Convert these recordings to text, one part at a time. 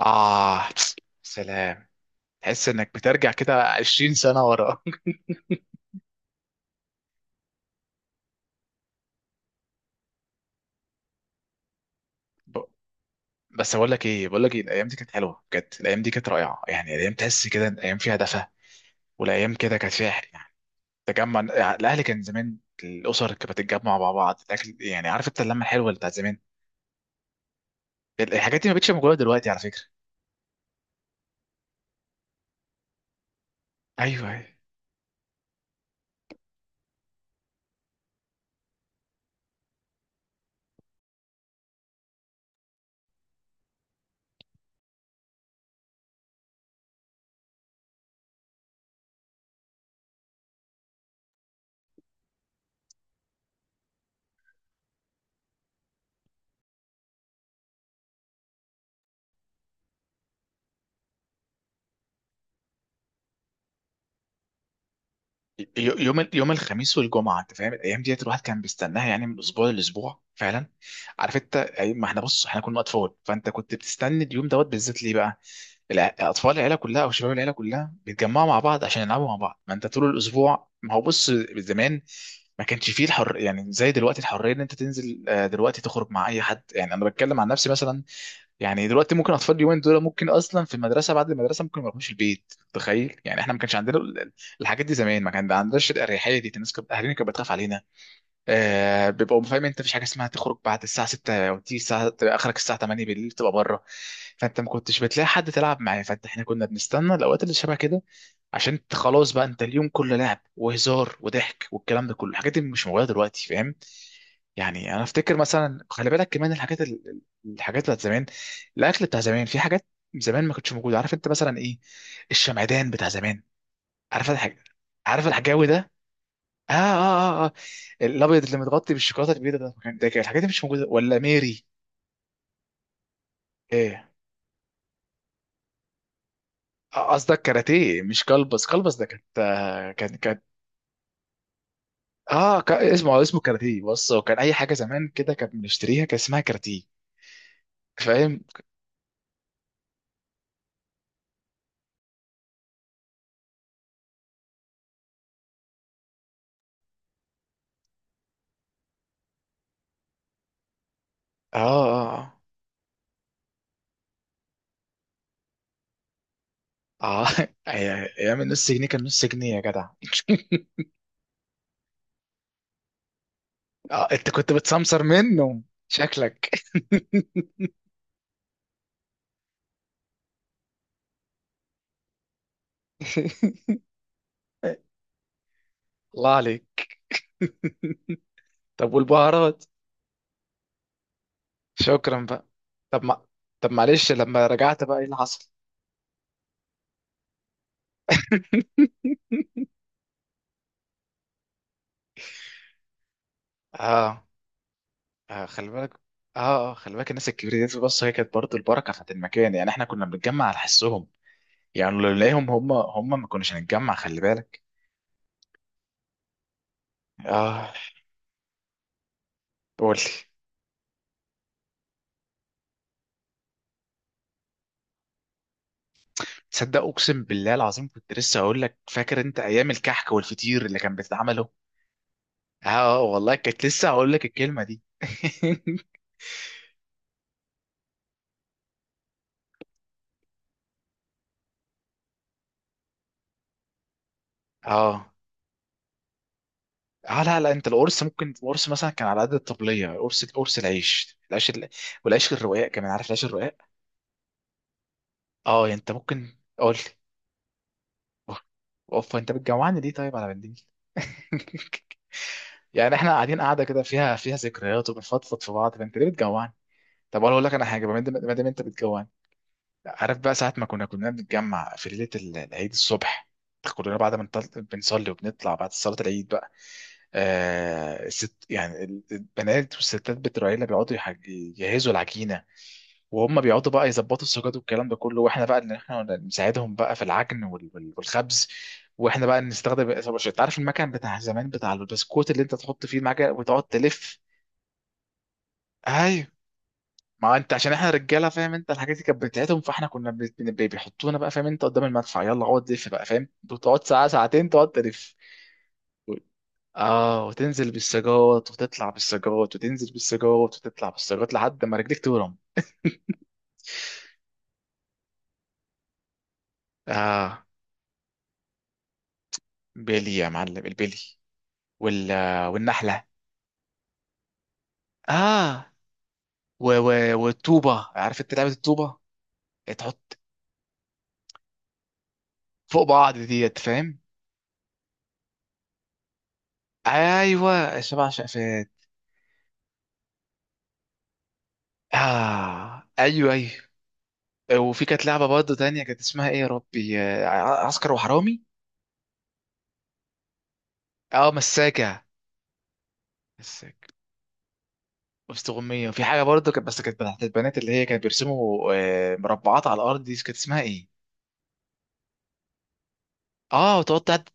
آه سلام. تحس إنك بترجع كده 20 سنة ورا. ب- بس بقول لك إيه، الأيام دي كانت حلوة بجد، الأيام دي كانت رائعة. يعني الأيام تحس كده إن الأيام فيها دفى، والأيام كده كانت فيها حلو، يعني تجمع، يعني الأهل كان زمان الأسر كانت بتتجمع مع بعض، الأكل، يعني عارف أنت اللمة الحلوة اللي بتاعت زمان. الحاجات دي ما بقتش موجودة دلوقتي على فكرة. أيوه. يوم الخميس والجمعه انت فاهم الايام ديت الواحد كان بيستناها يعني من اسبوع لاسبوع فعلا. عارف انت، ما احنا بص احنا كنا اطفال، فانت كنت بتستنى اليوم دوت بالذات. ليه بقى؟ اطفال العيله كلها او شباب العيله كلها بيتجمعوا مع بعض عشان يلعبوا مع بعض، ما انت طول الاسبوع، ما هو بص زمان ما كانش فيه الحر يعني زي دلوقتي، الحريه ان انت تنزل دلوقتي تخرج مع اي حد. يعني انا بتكلم عن نفسي مثلا، يعني دلوقتي ممكن اطفال اليومين دول ممكن اصلا في المدرسه بعد المدرسه ممكن ما يروحوش البيت. تخيل! يعني احنا ما كانش عندنا الحاجات دي. زمان ما كان عندناش الاريحيه دي، الناس كانت اهالينا كانت بتخاف علينا. آه، بيبقوا فاهم انت مفيش حاجه اسمها تخرج بعد الساعه 6 او تيجي الساعه تبقى اخرك الساعه 8 بالليل تبقى بره. فانت ما كنتش بتلاقي حد تلعب معاه، فانت احنا كنا بنستنى الاوقات اللي شبه كده عشان انت خلاص بقى انت اليوم كله لعب وهزار وضحك والكلام ده كله. الحاجات دي مش موجوده دلوقتي، فاهم؟ يعني انا افتكر مثلا، خلي بالك كمان، الحاجات الحاجات بتاعت زمان، الاكل بتاع زمان، في حاجات زمان ما كانتش موجوده. عارف انت مثلا ايه؟ الشمعدان بتاع زمان، عارف الحاجه؟ عارف الحجاوي ده؟ اه اه اه، آه. الابيض اللي متغطي بالشوكولاته البيضاء ده، كان ده كان الحاجات دي مش موجوده ولا ميري. ايه؟ آه، قصدك كاراتيه مش كلبس، كلبس ده كانت آه، كان كانت اسمه آه، اسمه كاراتيه. بص هو كان اي حاجه زمان كده كان بنشتريها كان اسمها كاراتيه. فاهم. اه اه اه آه، ايام النص جنيه كان نص جنيه يا جدع. اه انت كنت بتسمسر منه شكلك. الله عليك! طب والبهارات؟ شكرا بقى. طب ما، طب معلش لما رجعت بقى ايه اللي حصل؟ اه. آه، خلي بالك. اه اه خلي بالك، الناس الكبيره دي بص هي كانت برضه البركه بتاعت المكان. يعني احنا كنا بنتجمع على حسهم. يعني لو نلاقيهم هم ما كناش هنتجمع، خلي بالك. اه. قول لي. تصدق اقسم بالله العظيم كنت لسه هقول لك، فاكر انت ايام الكحك والفطير اللي كان بيتعمله؟ اه آه، والله كنت لسه هقول لك الكلمه دي. اه اه، لا لا، انت القرص، ممكن القرص مثلا كان على قد الطبليه، قرص، قرص العيش، العيش والعيش الرقاق كمان، عارف العيش الرقاق؟ اه يعني انت ممكن. قول لي. اوف، انت بتجوعني ليه طيب على بالليل؟ يعني احنا قاعدين قاعده كده فيها فيها ذكريات وبنفضفض في بعض، فانت ليه بتجوعني؟ طب انا اقول لك انا حاجه، ما دام ما دام انت بتجوعني. عارف بقى ساعه ما كنا بنتجمع في ليله العيد الصبح كلنا بعد ما بنصلي وبنطلع بعد صلاه العيد بقى، آه، ست يعني البنات والستات بتوع العيله بيقعدوا يجهزوا العجينه، وهم بيقعدوا بقى يظبطوا السجاد والكلام ده كله، واحنا بقى ان احنا نساعدهم بقى في العجن والخبز. واحنا بقى نستخدم، انت عارف المكان بتاع زمان بتاع البسكوت اللي انت تحط فيه المعجن وتقعد تلف. ايوه. ما انت عشان احنا رجاله فاهم انت، الحاجات دي كانت بتاعتهم، فاحنا كنا بيحطونا بقى فاهم انت قدام المدفع، يلا اقعد لف بقى، فاهم، تقعد ساعه ساعتين تقعد تلف. اه، وتنزل بالسجاوط وتطلع بالسجاوط وتنزل بالسجاوط وتطلع بالسجاوط لحد ما رجليك تورم. اه، بيلي يا معلم البيلي. وال والنحله. اه والطوبه، عارف انت لعبه الطوبه؟ اللي تحط فوق بعض ديت، فاهم. ايوه السبع شقفات. اه ايوه ايوه. وفي كانت لعبه برضه تانية كانت اسمها ايه يا ربي، آه، عسكر وحرامي. اه مساجة. مساجة وسط غمية. وفي حاجة برضه كانت، بس كانت بتاعت البنات، اللي هي كانت بيرسموا آه، مربعات على الأرض، دي كانت اسمها إيه؟ آه، وتقعد تعد،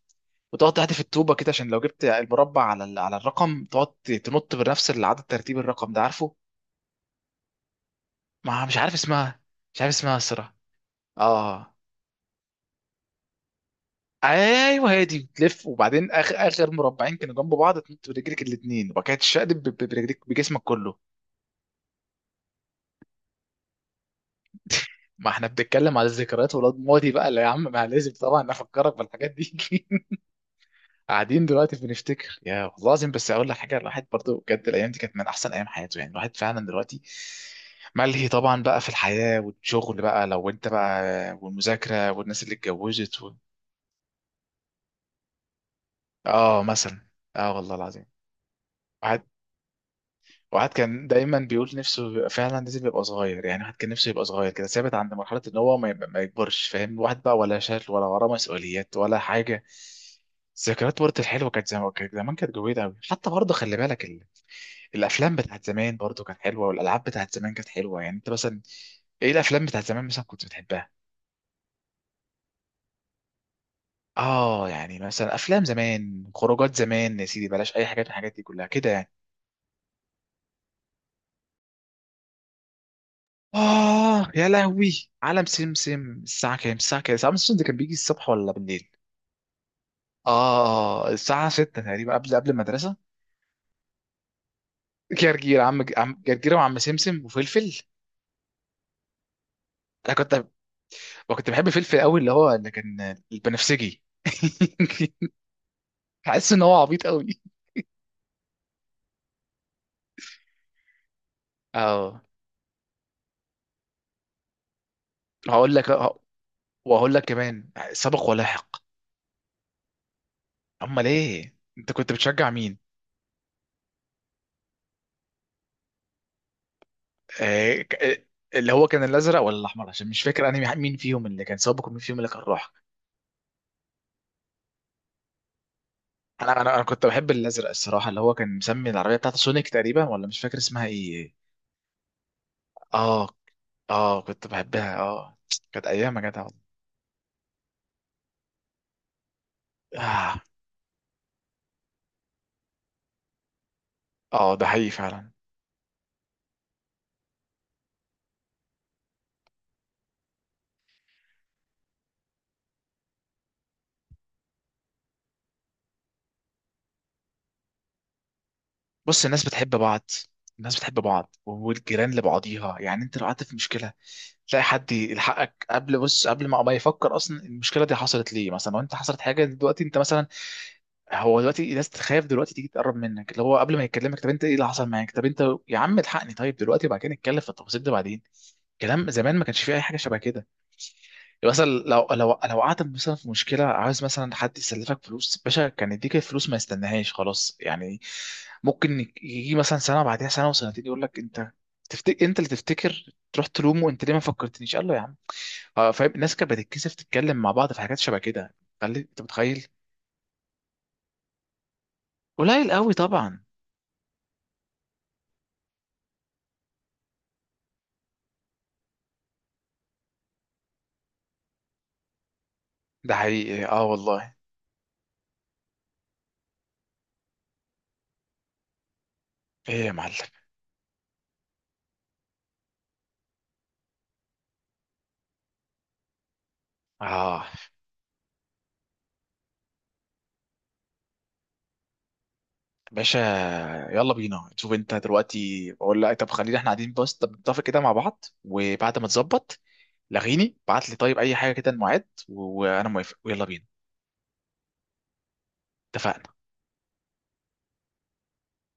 وتقعد تحدف الطوبة كده عشان لو جبت المربع على على الرقم تقعد تنط بنفس العدد ترتيب الرقم ده، عارفه؟ ما مش عارف اسمها. مش عارف اسمها الصراحة. آه، أيوه هي دي، تلف وبعدين آخر آخر مربعين كانوا جنب بعض تنط برجلك الاتنين وبعد كده تشقلب برجلك بجسمك كله. ما احنا بنتكلم على الذكريات ولاد ماضي بقى، لا يا عم ما لازم طبعا افكرك بالحاجات دي. قاعدين دلوقتي بنفتكر. يا والله العظيم بس اقول لك حاجه، الواحد برضو بجد الايام دي كانت من احسن ايام حياته. يعني الواحد فعلا دلوقتي ملهي طبعا بقى في الحياه والشغل بقى لو انت بقى والمذاكره والناس اللي اتجوزت. اه مثلا. اه والله العظيم. واحد، واحد كان دايما بيقول نفسه يبقى فعلا لازم يبقى صغير، يعني واحد كان نفسه يبقى صغير كده ثابت عند مرحله ان هو ما, ما يكبرش، فاهم، واحد بقى ولا شغل ولا وراه مسؤوليات ولا حاجه. ذكريات برضه الحلوه كانت زمان، كانت زمان كانت جميله قوي. حتى برضه خلي بالك، الافلام بتاعت زمان برضو كانت حلوه، والالعاب بتاعت زمان كانت حلوه، يعني انت مثلا ايه الافلام بتاعت زمان مثلا كنت بتحبها؟ اه يعني مثلا افلام زمان، خروجات زمان، يا سيدي بلاش اي حاجات من الحاجات دي كلها كده يعني. اه يا لهوي، عالم سمسم! الساعه كام، الساعه كام، الساعه سمسم ده كان بيجي الصبح ولا بالليل؟ اه الساعه 6 تقريبا قبل قبل المدرسه. جرجير، عم، عم جرجير وعم سمسم وفلفل. انا كنت، وكنت بحب فلفل قوي اللي هو اللي كان البنفسجي. حاسس ان هو عبيط قوي. اه. هقول لك آه، وهقول لك كمان سبق ولاحق. امال ايه، انت كنت بتشجع مين؟ آه، اللي هو كان الازرق ولا الاحمر؟ عشان مش فاكر انا مين فيهم اللي كان سابق ومين فيهم اللي كان راح. انا انا انا كنت بحب الازرق الصراحه، اللي هو كان مسمي العربيه بتاعته سونيك تقريبا، ولا مش فاكر اسمها ايه. اه اه كنت بحبها اه. كانت ايام يا جدع والله. اه اه ده حقيقي فعلا. بص الناس بتحب بعض، الناس بتحب بعض والجيران لبعضيها. يعني انت لو قعدت في مشكله تلاقي حد يلحقك قبل، بص قبل ما ما يفكر اصلا المشكله دي حصلت ليه. مثلا لو انت حصلت حاجه دلوقتي انت مثلا، هو دلوقتي الناس تخاف دلوقتي تيجي تقرب منك، اللي هو قبل ما يكلمك طب انت ايه اللي حصل معاك، طب انت يا عم الحقني طيب دلوقتي وبعد كده نتكلم في التفاصيل دي بعدين. كلام زمان ما كانش فيه اي حاجه شبه كده. يعني مثلا لو لو لو قعدت مثلا في مشكله عاوز مثلا حد يسلفك فلوس، باشا كان يديك الفلوس ما يستناهاش خلاص يعني. ممكن يجي مثلا سنه بعدها سنه وسنتين يقول لك انت تفتكر، انت اللي تفتكر تروح تلومه انت ليه ما فكرتنيش، قال له يا عم. آه، فاهم، الناس كانت بتتكسف تتكلم مع بعض في حاجات شبه كده. خلي انت متخيل. قليل قوي طبعا. ده حقيقي اه والله. ايه يا معلم؟ اه. باشا يلا بينا، شوف انت دلوقتي بقول لك، طب خلينا احنا قاعدين بس طب نتفق كده مع بعض وبعد ما تظبط لغيني بعت لي طيب اي حاجه كده الميعاد وانا موافق ويلا بينا. اتفقنا.